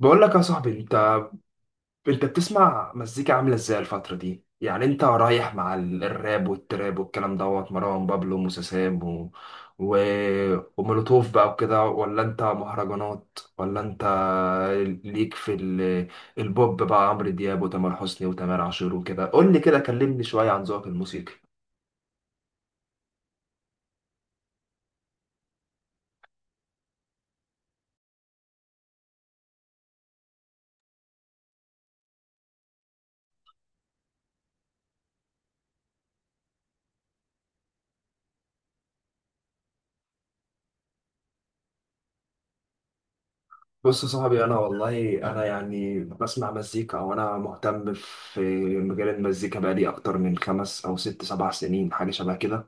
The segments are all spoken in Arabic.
بقول لك يا صاحبي، انت بتسمع مزيكا عامله ازاي الفتره دي؟ يعني انت رايح مع الراب والتراب والكلام دوت مروان بابلو وموسيسام و... ومولوتوف بقى وكده، ولا انت مهرجانات، ولا انت ليك في البوب بقى، عمرو دياب وتامر حسني وتامر عاشور وكده؟ قول لي كده، كلمني شويه عن ذوقك الموسيقي. بص يا صاحبي، والله انا يعني بسمع مزيكا وانا مهتم في مجال المزيكا بقالي اكتر من خمس او ست سبع سنين، حاجه شبه كده.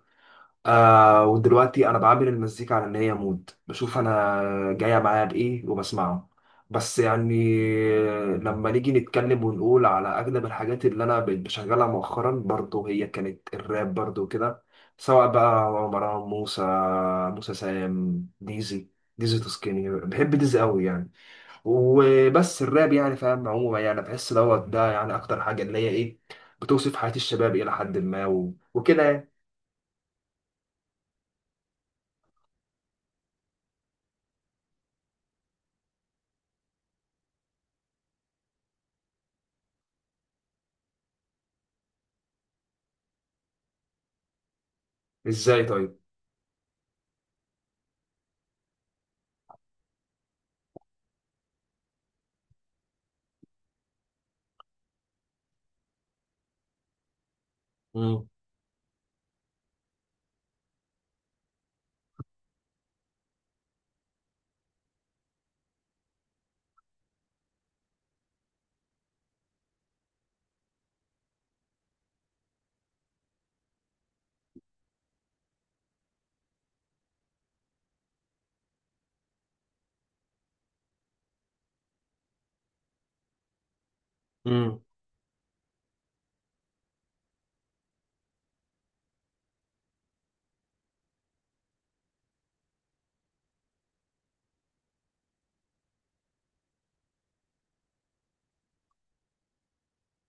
ودلوقتي انا بعامل المزيكا على ان هي مود، بشوف انا جايه معايا بايه وبسمعه. بس يعني لما نيجي نتكلم ونقول على اغلب الحاجات اللي انا بقيت بشغلها مؤخرا، برضه هي كانت الراب برضه كده، سواء بقى مروان موسى، موسى سام، ديزي تسكيني، بحب ديزي قوي يعني. وبس الراب يعني، فاهم، عموما يعني بحس دوت ده يعني اكتر حاجه اللي هي ايه، بتوصف حياه الشباب الى حد ما، وكده يعني. ازاي طيب؟ مم.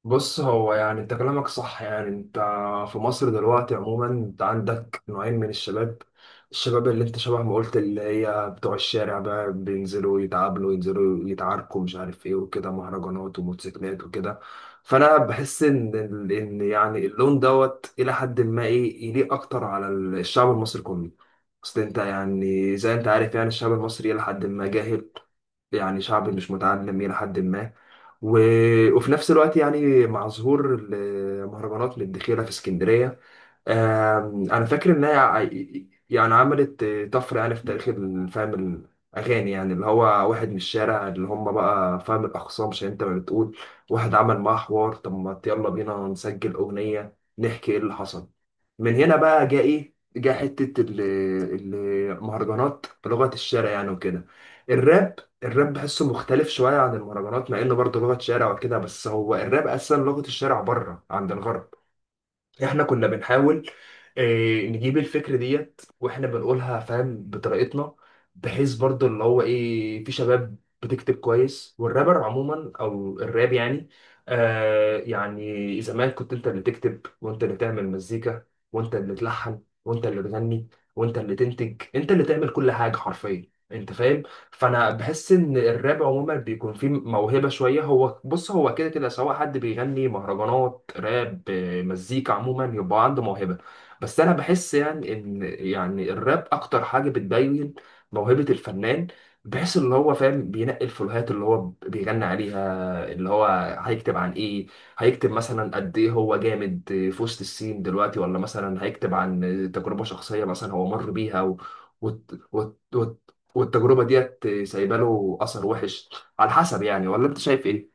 بص هو يعني، انت كلامك صح يعني. انت في مصر دلوقتي عموما انت عندك نوعين من الشباب، الشباب اللي انت شبه ما قلت، اللي هي بتوع الشارع بقى، بينزلوا يتعاملوا ينزلوا يتعاركوا، مش عارف ايه وكده، مهرجانات وموتوسيكلات وكده. فانا بحس ان يعني اللون دوت الى حد ما ايه، يليق اكتر على الشعب المصري كله. اصل انت يعني زي انت عارف يعني، الشعب المصري الى حد ما جاهل، يعني شعب مش متعلم إلى حد ما. و... وفي نفس الوقت يعني، مع ظهور المهرجانات للدخيلة في اسكندرية، أنا فاكر إنها يعني عملت طفرة يعني في تاريخ فاهم الأغاني، يعني اللي هو واحد من الشارع، اللي هم بقى فاهم الأخصام، عشان أنت ما بتقول واحد عمل معاه حوار، طب ما يلا بينا نسجل أغنية نحكي إيه اللي حصل. من هنا بقى جاء ايه، جاء حتة المهرجانات بلغة الشارع يعني وكده. الراب، بحسه مختلف شوية عن المهرجانات، مع انه برضه لغة شارع وكده، بس هو الراب اصلا لغة الشارع بره عند الغرب. احنا كنا بنحاول نجيب الفكرة ديت واحنا بنقولها، فاهم، بطريقتنا. بحيث برضو اللي هو ايه، في شباب بتكتب كويس، والرابر عموما او الراب يعني، يعني زمان كنت انت اللي تكتب وانت اللي تعمل مزيكا وانت اللي تلحن وانت اللي تغني وانت اللي تنتج، انت اللي تعمل كل حاجة حرفيا، انت فاهم. فانا بحس ان الراب عموما بيكون فيه موهبه شويه. هو بص، هو كده كده سواء حد بيغني مهرجانات راب مزيكا عموما، يبقى عنده موهبه، بس انا بحس يعني ان يعني الراب اكتر حاجه بتبين موهبه الفنان، بحيث اللي هو فاهم بينقي الفلوهات اللي هو بيغني عليها، اللي هو هيكتب عن ايه، هيكتب مثلا قد ايه هو جامد في وسط السين دلوقتي، ولا مثلا هيكتب عن تجربة شخصية مثلا هو مر بيها و... وت... وت... وت... والتجربه ديت سايبه له اثر وحش، على حسب يعني. ولا انت شايف ايه؟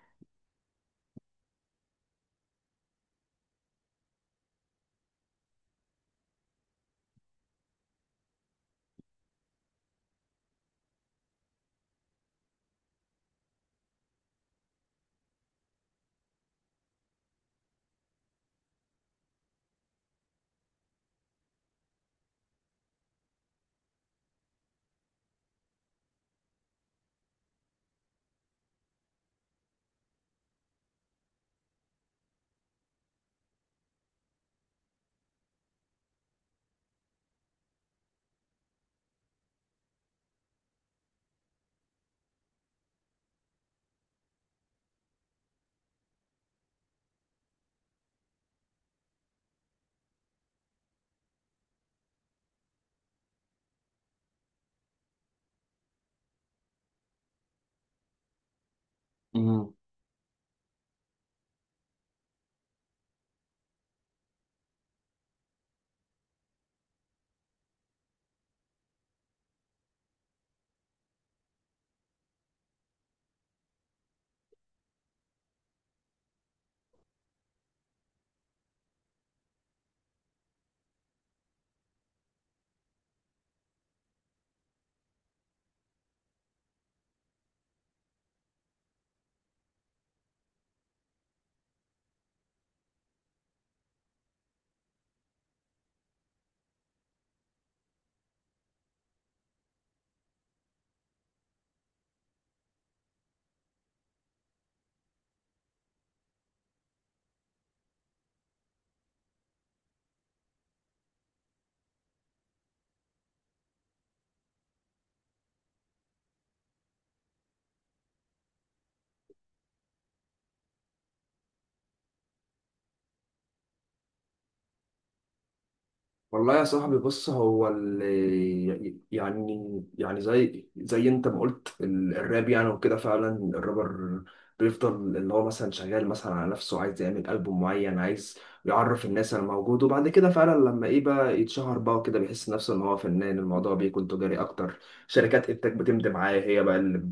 والله يا صاحبي، بص هو يعني، يعني زي انت ما قلت، الراب يعني وكده فعلا، الرابر بيفضل اللي هو مثلا شغال مثلا على نفسه، عايز يعمل ألبوم معين، عايز يعرف الناس انا موجود، وبعد كده فعلا لما ايه بقى يتشهر بقى وكده، بيحس نفسه ان هو فنان، الموضوع بيكون تجاري اكتر. شركات انتاج بتمضي معاه، هي بقى اللي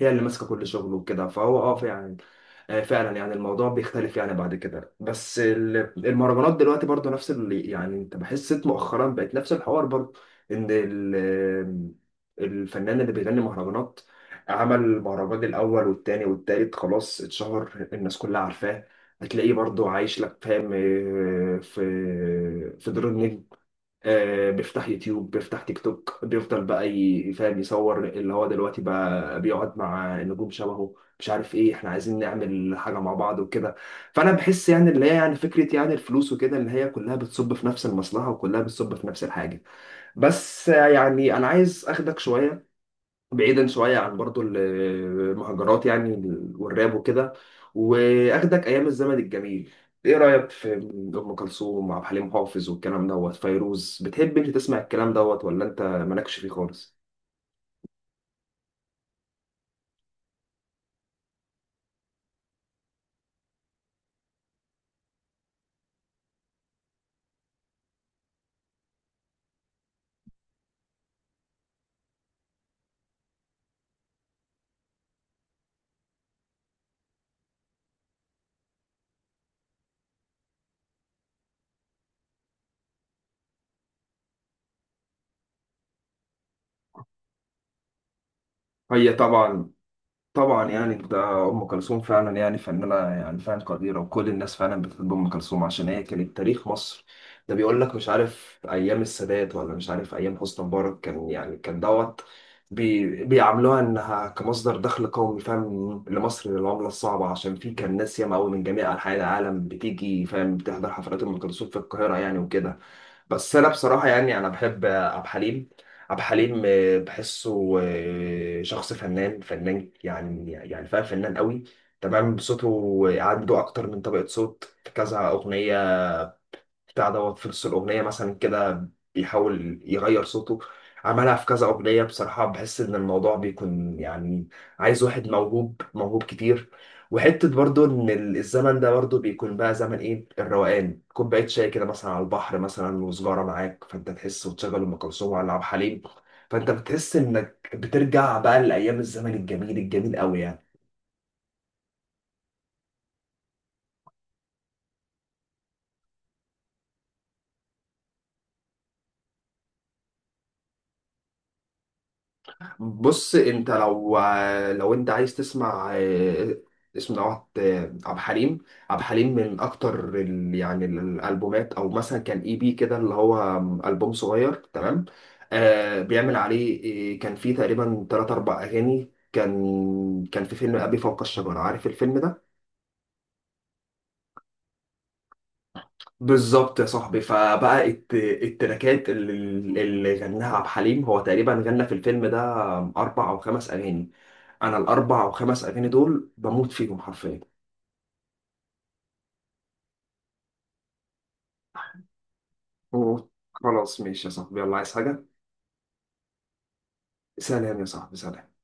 هي اللي ماسكه كل شغله وكده. فهو يعني فعلا يعني الموضوع بيختلف يعني بعد كده. بس المهرجانات دلوقتي برضو نفس يعني، انت بحس مؤخرا بقت نفس الحوار برضو، ان الفنان اللي بيغني مهرجانات، عمل مهرجان الاول والتاني والتالت، خلاص اتشهر، الناس كلها عارفاه، هتلاقيه برضو عايش لك، فاهم، في دور النجم. بيفتح يوتيوب، بيفتح تيك توك، بيفضل بقى فاهم يصور اللي هو دلوقتي بقى بيقعد مع نجوم شبهه، مش عارف ايه، احنا عايزين نعمل حاجة مع بعض وكده. فانا بحس يعني اللي هي يعني فكرة يعني الفلوس وكده، اللي هي كلها بتصب في نفس المصلحة، وكلها بتصب في نفس الحاجة. بس يعني انا عايز اخدك شوية، بعيدا شوية عن برضو المهجرات يعني، والراب وكده، وأخدك أيام الزمن الجميل. إيه رأيك في أم كلثوم وعبد الحليم حافظ والكلام دوت فيروز؟ بتحب أنت تسمع الكلام دوت، ولا أنت مالكش فيه خالص؟ هي طبعا يعني ده ام كلثوم، فعلا يعني فنانه يعني فعلا قديره، وكل الناس فعلا بتحب ام كلثوم عشان هي كانت تاريخ مصر. ده بيقول لك مش عارف ايام السادات، ولا مش عارف ايام حسني مبارك، كان يعني كان دوت بيعاملوها انها كمصدر دخل قومي، فاهم، لمصر، للعمله الصعبه، عشان في كان ناس ياما قوي من جميع انحاء العالم بتيجي، فاهم، بتحضر حفلات ام كلثوم في القاهره يعني وكده. بس انا بصراحه يعني انا بحب عبد الحليم بحسه شخص فنان، فنان يعني، يعني فاهم، فنان قوي تمام. صوته عنده اكتر من طبقه صوت في كذا اغنيه، بتاع دوت في نص الأغنية مثلا كده بيحاول يغير صوته، عملها في كذا أغنية. بصراحة بحس إن الموضوع بيكون يعني عايز واحد موهوب، موهوب كتير. وحتة برضو إن الزمن ده برضو بيكون بقى زمن إيه الروقان، كوباية شاي كده مثلا على البحر مثلا وسجارة معاك، فأنت تحس وتشغل أم كلثوم ولا عبد الحليم، فأنت بتحس إنك بترجع بقى لأيام الزمن الجميل، الجميل قوي يعني. بص انت لو انت عايز تسمع، اسم نوع، آه، عبد الحليم عبد الحليم من اكتر يعني الالبومات، او مثلا كان اي بي كده اللي هو البوم صغير تمام. بيعمل عليه كان فيه تقريبا 3 4 اغاني. كان في فيلم ابي فوق الشجره، عارف الفيلم ده؟ بالظبط يا صاحبي، فبقى التراكات اللي غناها عبد الحليم، هو تقريبا غنى في الفيلم ده 4 أو 5 اغاني، انا ال4 أو 5 اغاني دول بموت فيهم حرفيا. أوه. خلاص ماشي يا صاحبي، يلا عايز حاجه؟ سلام يا صاحبي، سلام.